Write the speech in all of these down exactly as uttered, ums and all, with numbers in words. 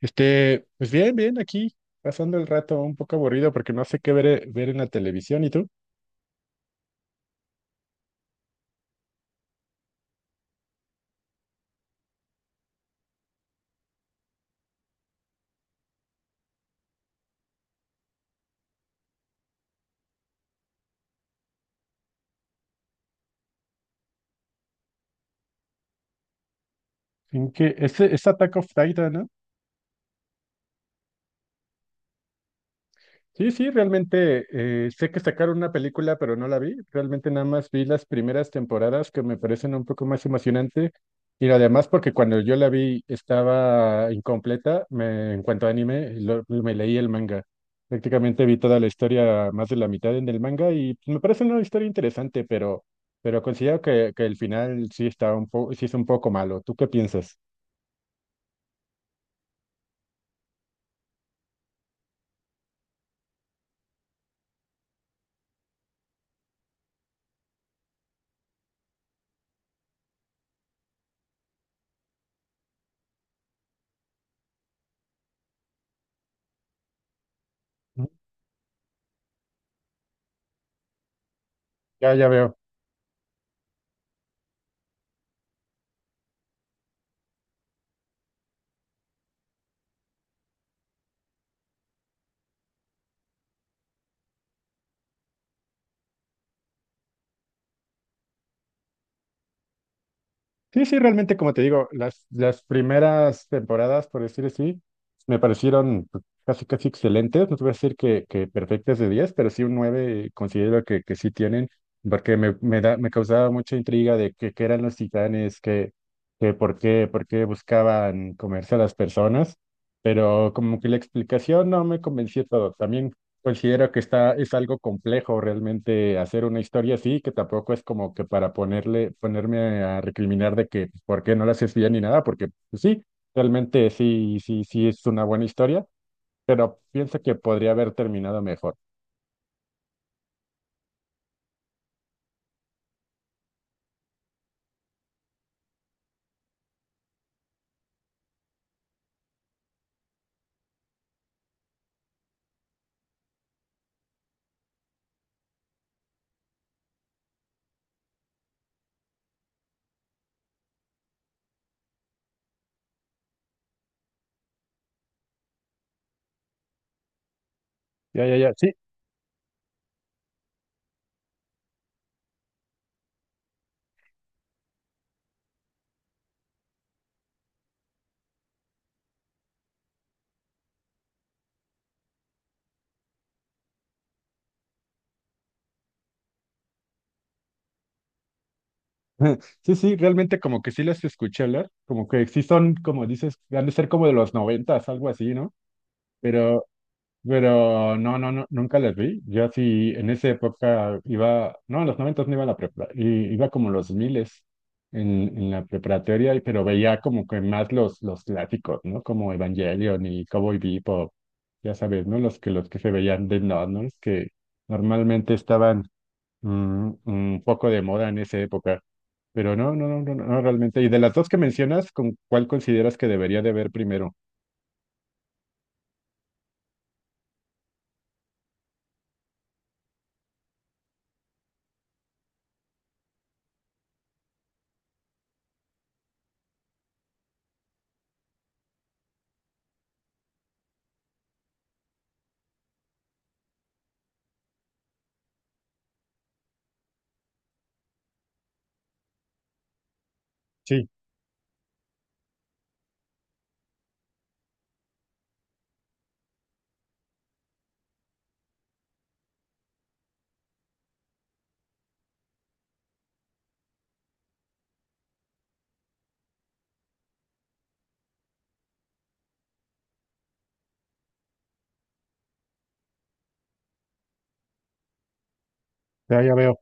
Este, pues bien, bien, aquí, pasando el rato un poco aburrido porque no sé qué ver, ver en la televisión. ¿Y tú? ¿En qué? Este, es Attack of Titan, ¿no? Sí, sí, realmente eh, sé que sacaron una película, pero no la vi. Realmente nada más vi las primeras temporadas que me parecen un poco más emocionante. Y además porque cuando yo la vi estaba incompleta, me, en cuanto a anime, lo- me leí el manga. Prácticamente vi toda la historia, más de la mitad en el manga, y me parece una historia interesante, pero, pero considero que, que el final sí está un poco, sí es un poco malo. ¿Tú qué piensas? Ujú. Ya, ya veo. Sí, sí, realmente, como te digo, las, las primeras temporadas, por decir así, me parecieron pues, casi, casi excelentes. No te voy a decir que, que perfectas de diez, pero sí un nueve considero que, que sí tienen, porque me, me, da, me causaba mucha intriga de que, qué eran los titanes, que, que por qué, por qué buscaban comerse a las personas, pero como que la explicación no me convenció todo. También considero que está, es algo complejo realmente hacer una historia así, que tampoco es como que para ponerle, ponerme a recriminar de que pues, por qué no la haces bien ni nada, porque pues, sí, realmente sí, sí, sí es una buena historia, pero pienso que podría haber terminado mejor. Ya, ya, ya, sí. Sí, sí, realmente como que sí las escuché hablar, como que sí son, como dices, han de ser como de los noventas, algo así, ¿no? pero Pero no, no, no, nunca las vi. Yo sí, en esa época iba, no, en los noventas no iba a la prepa, i- iba como los miles en, en la preparatoria, y- pero veía como que más los, los clásicos, ¿no? Como Evangelion y Cowboy Bebop, ya sabes, ¿no? Los que, los que se veían de no, ¿no? Los que normalmente estaban mm, un poco de moda en esa época. Pero no, no, no, no, no, realmente. Y de las dos que mencionas, ¿con cuál consideras que debería de ver primero? Sí, ya, ya veo,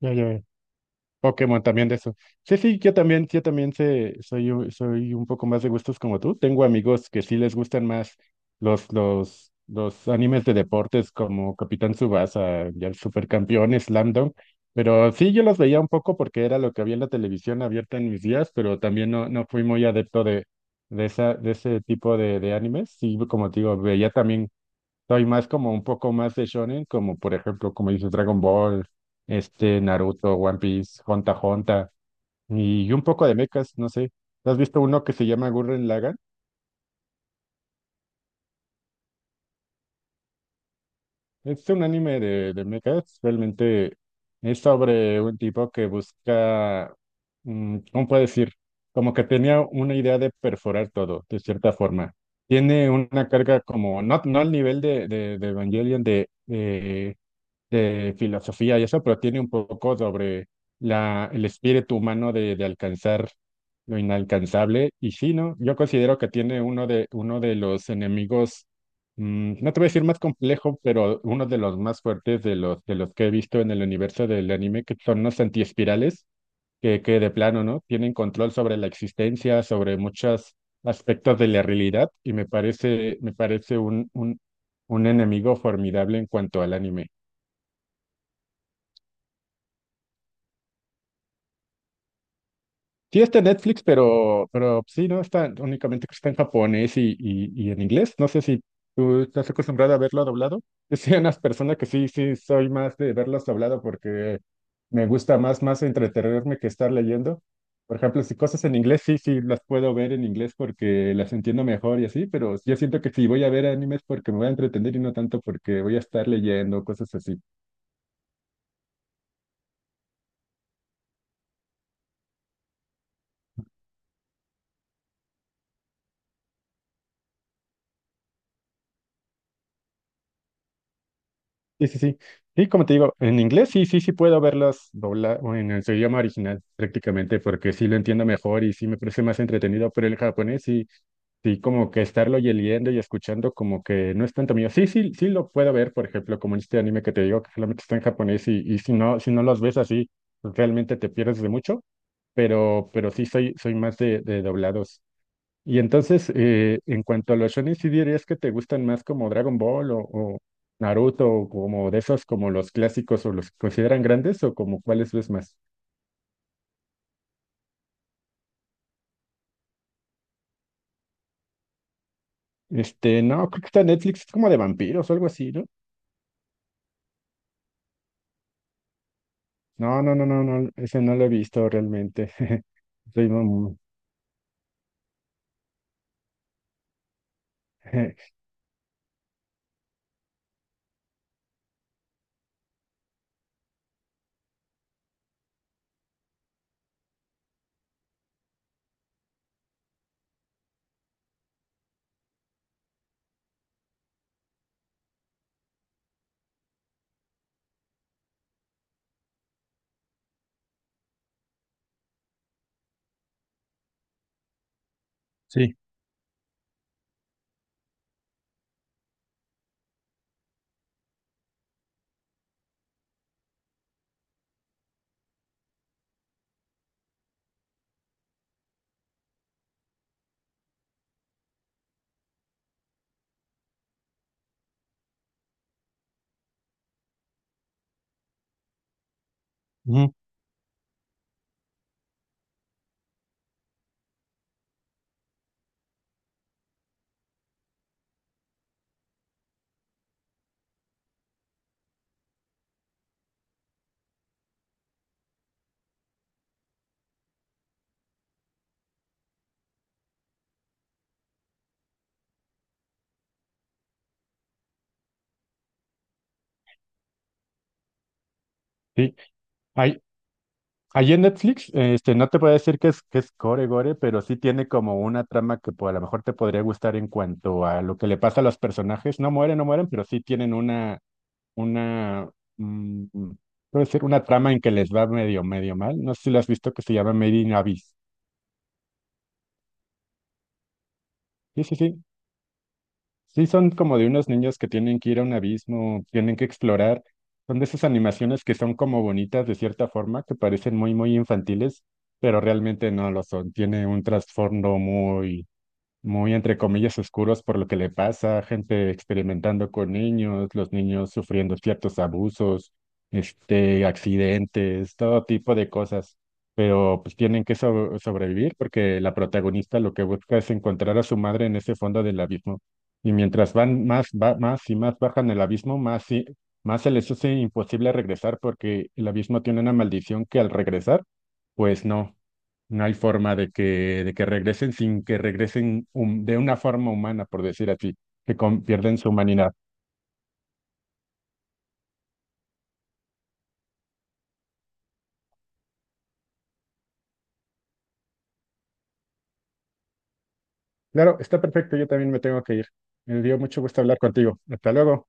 ya, ya veo. Pokémon también de eso. Sí, sí, yo también, yo también sé, soy, un- soy un poco más de gustos como tú. Tengo amigos que sí les gustan más los, los, los animes de deportes como Capitán Tsubasa y el Supercampeón, Slam Dunk. Pero sí, yo los veía un poco porque era lo que había en la televisión abierta en mis días, pero también no, no fui muy adepto de, de esa, de ese tipo de, de animes. Sí, como te digo, veía también soy más como un poco más de shonen, como por ejemplo, como dices, Dragon Ball, este, Naruto, One Piece, Honta Honta, y un poco de mechas, no sé. ¿Has visto uno que se llama Gurren Lagann? Es un anime de, de mechas, realmente es sobre un tipo que busca, mm, ¿cómo puedo decir? Como que tenía una idea de perforar todo, de cierta forma. Tiene una carga como, no, no al nivel de, de, de Evangelion, de, eh, de filosofía y eso, pero tiene un poco sobre la, el espíritu humano de, de alcanzar lo inalcanzable. Y sí, ¿no? Yo considero que tiene uno de, uno de los enemigos, mm, no te voy a decir más complejo, pero uno de los más fuertes de los, de los que he visto en el universo del anime, que son los antiespirales, que, que de plano, ¿no? Tienen control sobre la existencia, sobre muchos aspectos de la realidad, y me parece, me parece un, un, un enemigo formidable en cuanto al anime. Sí, está en Netflix, pero, pero sí, ¿no? Está únicamente que está en japonés y, y, y en inglés. No sé si tú estás acostumbrado a verlo doblado. Yo soy una persona que sí, sí, soy más de verlos doblado porque me gusta más, más entretenerme que estar leyendo. Por ejemplo, si cosas en inglés, sí, sí, las puedo ver en inglés porque las entiendo mejor y así, pero yo siento que si voy a ver animes porque me voy a entretener y no tanto porque voy a estar leyendo, cosas así. Sí, sí, sí. Sí, como te digo, en inglés sí, sí, sí puedo verlas dobladas en el- su idioma original prácticamente porque sí lo entiendo mejor y sí me parece más entretenido, pero el japonés sí, sí como que estarlo y leyendo y escuchando como que no es tanto mío. Sí, sí, sí lo puedo ver, por ejemplo, como en este anime que te digo que solamente está en japonés y, y si no, si no los ves así, pues realmente te pierdes de mucho, pero, pero sí soy, soy más de, de doblados. Y entonces, eh, en cuanto a los shonen, ¿sí dirías que te gustan más como Dragon Ball o, o Naruto o como de esos como los clásicos o los que consideran grandes o como cuáles ves más? Este, no, creo que está en Netflix, es como de vampiros o algo así, ¿no? No, no, no, no, no, ese no lo he visto realmente. Soy muy- Sí, ujú, sí. Hay, allí en Netflix, este, no te voy a decir que es, que es gore gore, pero sí tiene como una trama que pues, a lo mejor te podría gustar en cuanto a lo que le pasa a los personajes. No mueren, no mueren, pero sí tienen una, una, mm, puedo decir, una trama en que les va medio, medio mal. No sé si lo has visto que se llama Made in Abyss. Sí, sí, sí. Sí, son como de unos niños que tienen que ir a un abismo, tienen que explorar. Son de esas animaciones que son como bonitas de cierta forma, que parecen muy, muy infantiles pero realmente no lo son. Tiene un trasfondo muy muy entre comillas oscuros por lo que le pasa, gente experimentando con niños, los niños sufriendo ciertos abusos, este, accidentes, todo tipo de cosas. Pero pues tienen que so- sobrevivir porque la protagonista lo que busca es encontrar a su madre en ese fondo del abismo. Y mientras van más, va, más y más bajan el abismo, más, y, más se les hace imposible regresar porque el abismo tiene una maldición que al regresar, pues no. No hay forma de que, de que regresen sin que regresen hum- de una forma humana, por decir así, que con- pierden su humanidad. Claro, está perfecto, yo también me tengo que ir. Me dio mucho gusto hablar contigo. Hasta luego.